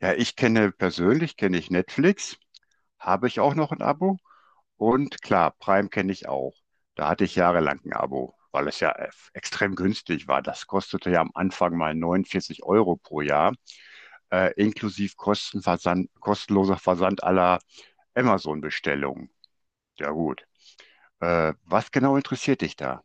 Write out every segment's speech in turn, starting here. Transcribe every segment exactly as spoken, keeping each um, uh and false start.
Ja, ich kenne persönlich, kenne ich Netflix, habe ich auch noch ein Abo. Und klar, Prime kenne ich auch. Da hatte ich jahrelang ein Abo, weil es ja äh, extrem günstig war. Das kostete ja am Anfang mal neunundvierzig Euro pro Jahr, äh, inklusive Kostenversand, kostenloser Versand aller Amazon-Bestellungen. Ja gut. Äh, was genau interessiert dich da?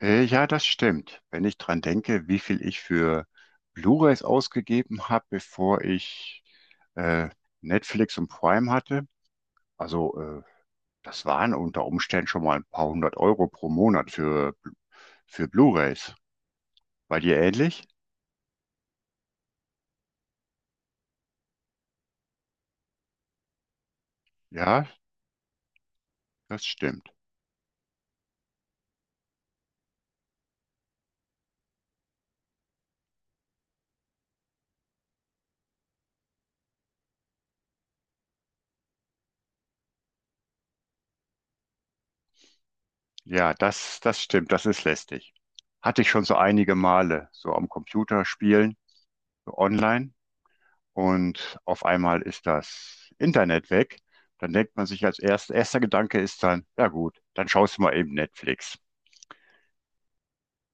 Äh, ja, das stimmt. Wenn ich dran denke, wie viel ich für Blu-rays ausgegeben habe, bevor ich äh, Netflix und Prime hatte, also äh, das waren unter Umständen schon mal ein paar hundert Euro pro Monat für, für Blu-rays. Bei dir ähnlich? Ja, das stimmt. Ja, das, das stimmt. Das ist lästig. Hatte ich schon so einige Male, so am Computer spielen, so online. Und auf einmal ist das Internet weg. Dann denkt man sich als erst, erster Gedanke ist dann, ja gut, dann schaust du mal eben Netflix.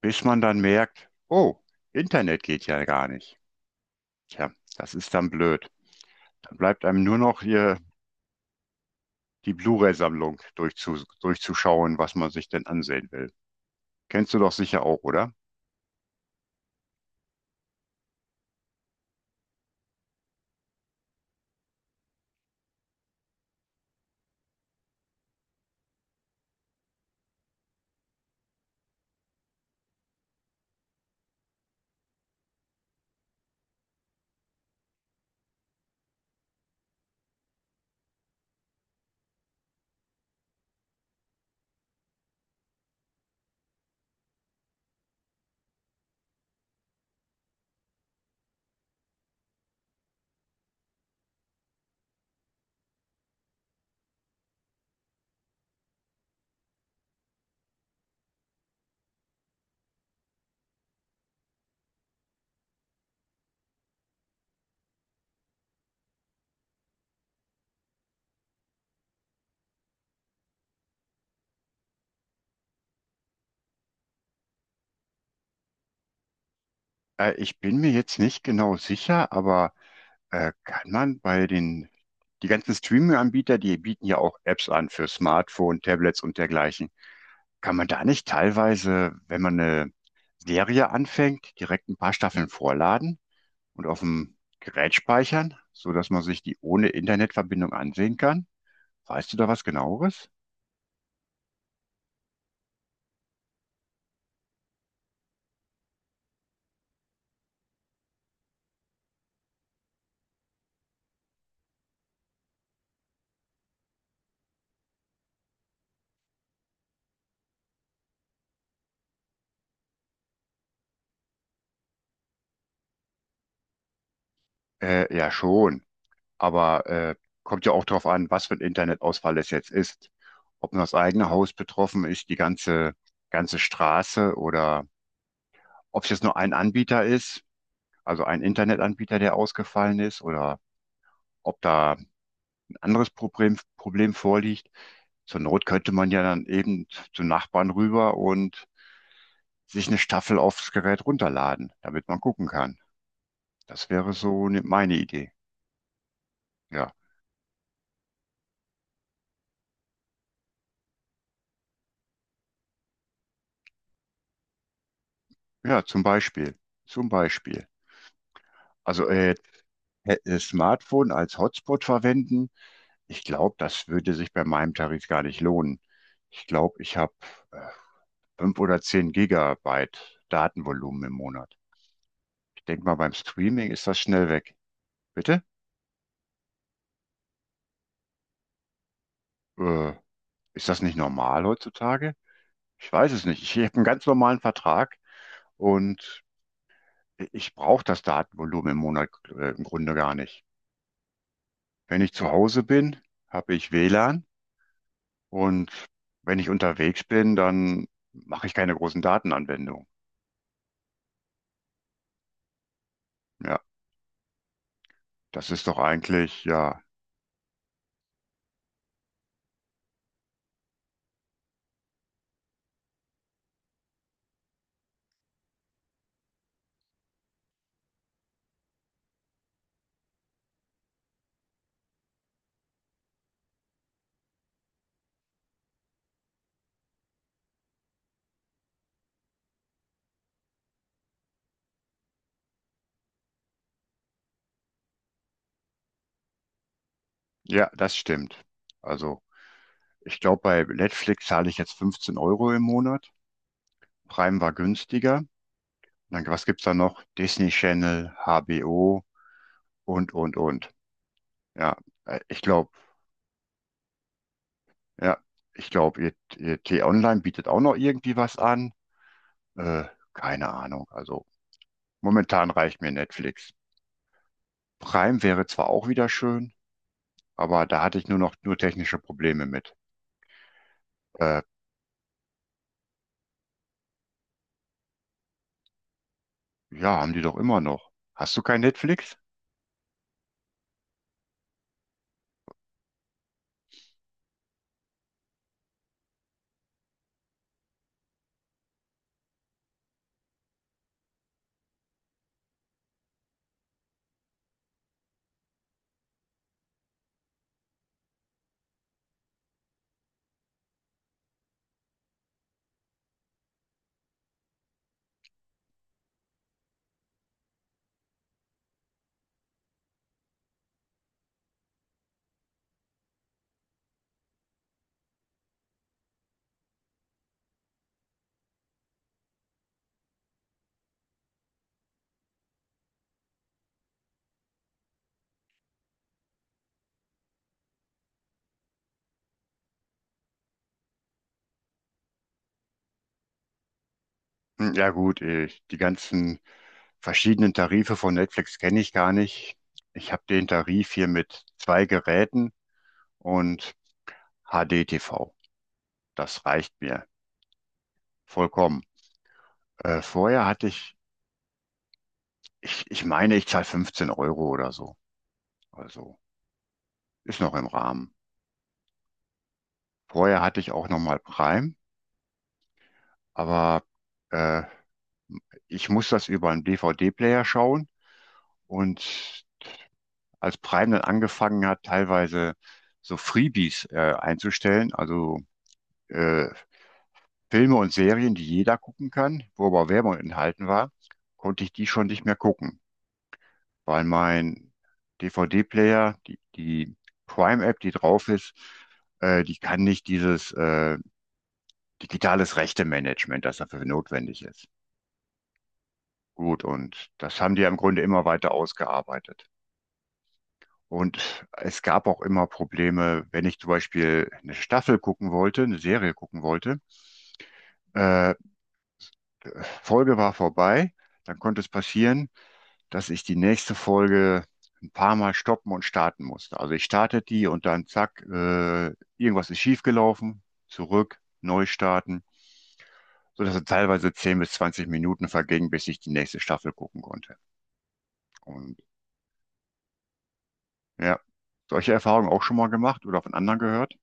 Bis man dann merkt, oh, Internet geht ja gar nicht. Tja, das ist dann blöd. Dann bleibt einem nur noch hier die Blu-ray-Sammlung durchzu, durchzuschauen, was man sich denn ansehen will. Kennst du doch sicher auch, oder? Äh, ich bin mir jetzt nicht genau sicher, aber Äh, kann man bei den, die ganzen Streaming-Anbieter, die bieten ja auch Apps an für Smartphone, Tablets und dergleichen. Kann man da nicht teilweise, wenn man eine Serie anfängt, direkt ein paar Staffeln vorladen und auf dem Gerät speichern, sodass man sich die ohne Internetverbindung ansehen kann? Weißt du da was genaueres? Äh, ja, schon. Aber äh, kommt ja auch darauf an, was für ein Internetausfall es jetzt ist. Ob nur das eigene Haus betroffen ist, die ganze, ganze Straße oder ob es jetzt nur ein Anbieter ist, also ein Internetanbieter, der ausgefallen ist, oder ob da ein anderes Problem, Problem vorliegt. Zur Not könnte man ja dann eben zum Nachbarn rüber und sich eine Staffel aufs Gerät runterladen, damit man gucken kann. Das wäre so ne- meine Idee. Ja, ja, zum Beispiel, zum Beispiel. Also äh, hä- äh, Smartphone als Hotspot verwenden, ich glaube, das würde sich bei meinem Tarif gar nicht lohnen. Ich glaube, ich habe fünf oder zehn Gigabyte Datenvolumen im Monat. Ich denke mal, beim Streaming ist das schnell weg. Bitte? Äh, Ist das nicht normal heutzutage? Ich weiß es nicht. Ich habe einen ganz normalen Vertrag und ich brauche das Datenvolumen im Monat äh, im Grunde gar nicht. Wenn ich zu Hause bin, habe ich W L A N und wenn ich unterwegs bin, dann mache ich keine großen Datenanwendungen. Ja, das ist doch eigentlich, ja, ja, das stimmt. Also ich glaube, bei Netflix zahle ich jetzt fünfzehn Euro im Monat. Prime war günstiger. Dann, was gibt's da noch? Disney Channel, H B O und, und, und. Ja, äh, ich glaube, ja, ich glaube, ihr, ihr T-Online bietet auch noch irgendwie was an. Äh, keine Ahnung. Also momentan reicht mir Netflix. Prime wäre zwar auch wieder schön, aber da hatte ich nur noch nur technische Probleme mit. Äh, ja, haben die doch immer noch. Hast du kein Netflix? Hm, ja gut, ich, die ganzen verschiedenen Tarife von Netflix kenne ich gar nicht. Ich habe den Tarif hier mit zwei Geräten und H D-T V. Das reicht mir vollkommen. Äh, vorher hatte ich, ich, ich meine, ich zahle fünfzehn Euro oder so. Also ist noch im Rahmen. Vorher hatte ich auch nochmal Prime, aber äh, ich muss das über einen D V D-Player schauen. Und als Prime dann angefangen hat, teilweise so Freebies äh, einzustellen, also äh, Filme und Serien, die jeder gucken kann, wo aber Werbung enthalten war, konnte ich die schon nicht mehr gucken, weil mein D V D-Player, die, die Prime-App, die drauf ist, äh, die kann nicht dieses äh, digitales Rechte-Management, das dafür notwendig ist. Gut, und das haben die ja im Grunde immer weiter ausgearbeitet. Und es gab auch immer Probleme, wenn ich zum Beispiel eine Staffel gucken wollte, eine Serie gucken wollte, äh, Folge war vorbei, dann konnte es passieren, dass ich die nächste Folge ein paar Mal stoppen und starten musste. Also ich starte die und dann zack, äh, irgendwas ist schiefgelaufen, zurück, neu starten, sodass dann teilweise zehn bis zwanzig Minuten vergingen, bis ich die nächste Staffel gucken konnte. Und ja, solche Erfahrungen auch schon mal gemacht oder von anderen gehört?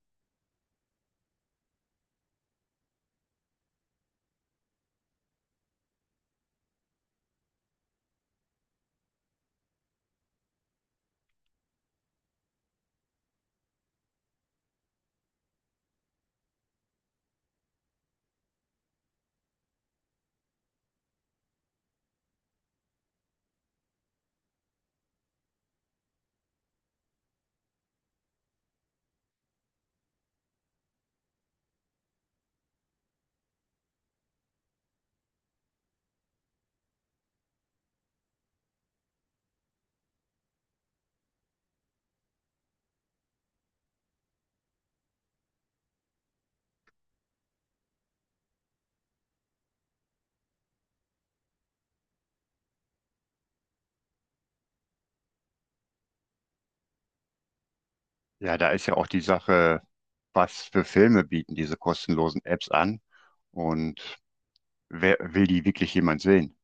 Ja, da ist ja auch die Sache, was für Filme bieten diese kostenlosen Apps an und wer will die wirklich jemand sehen?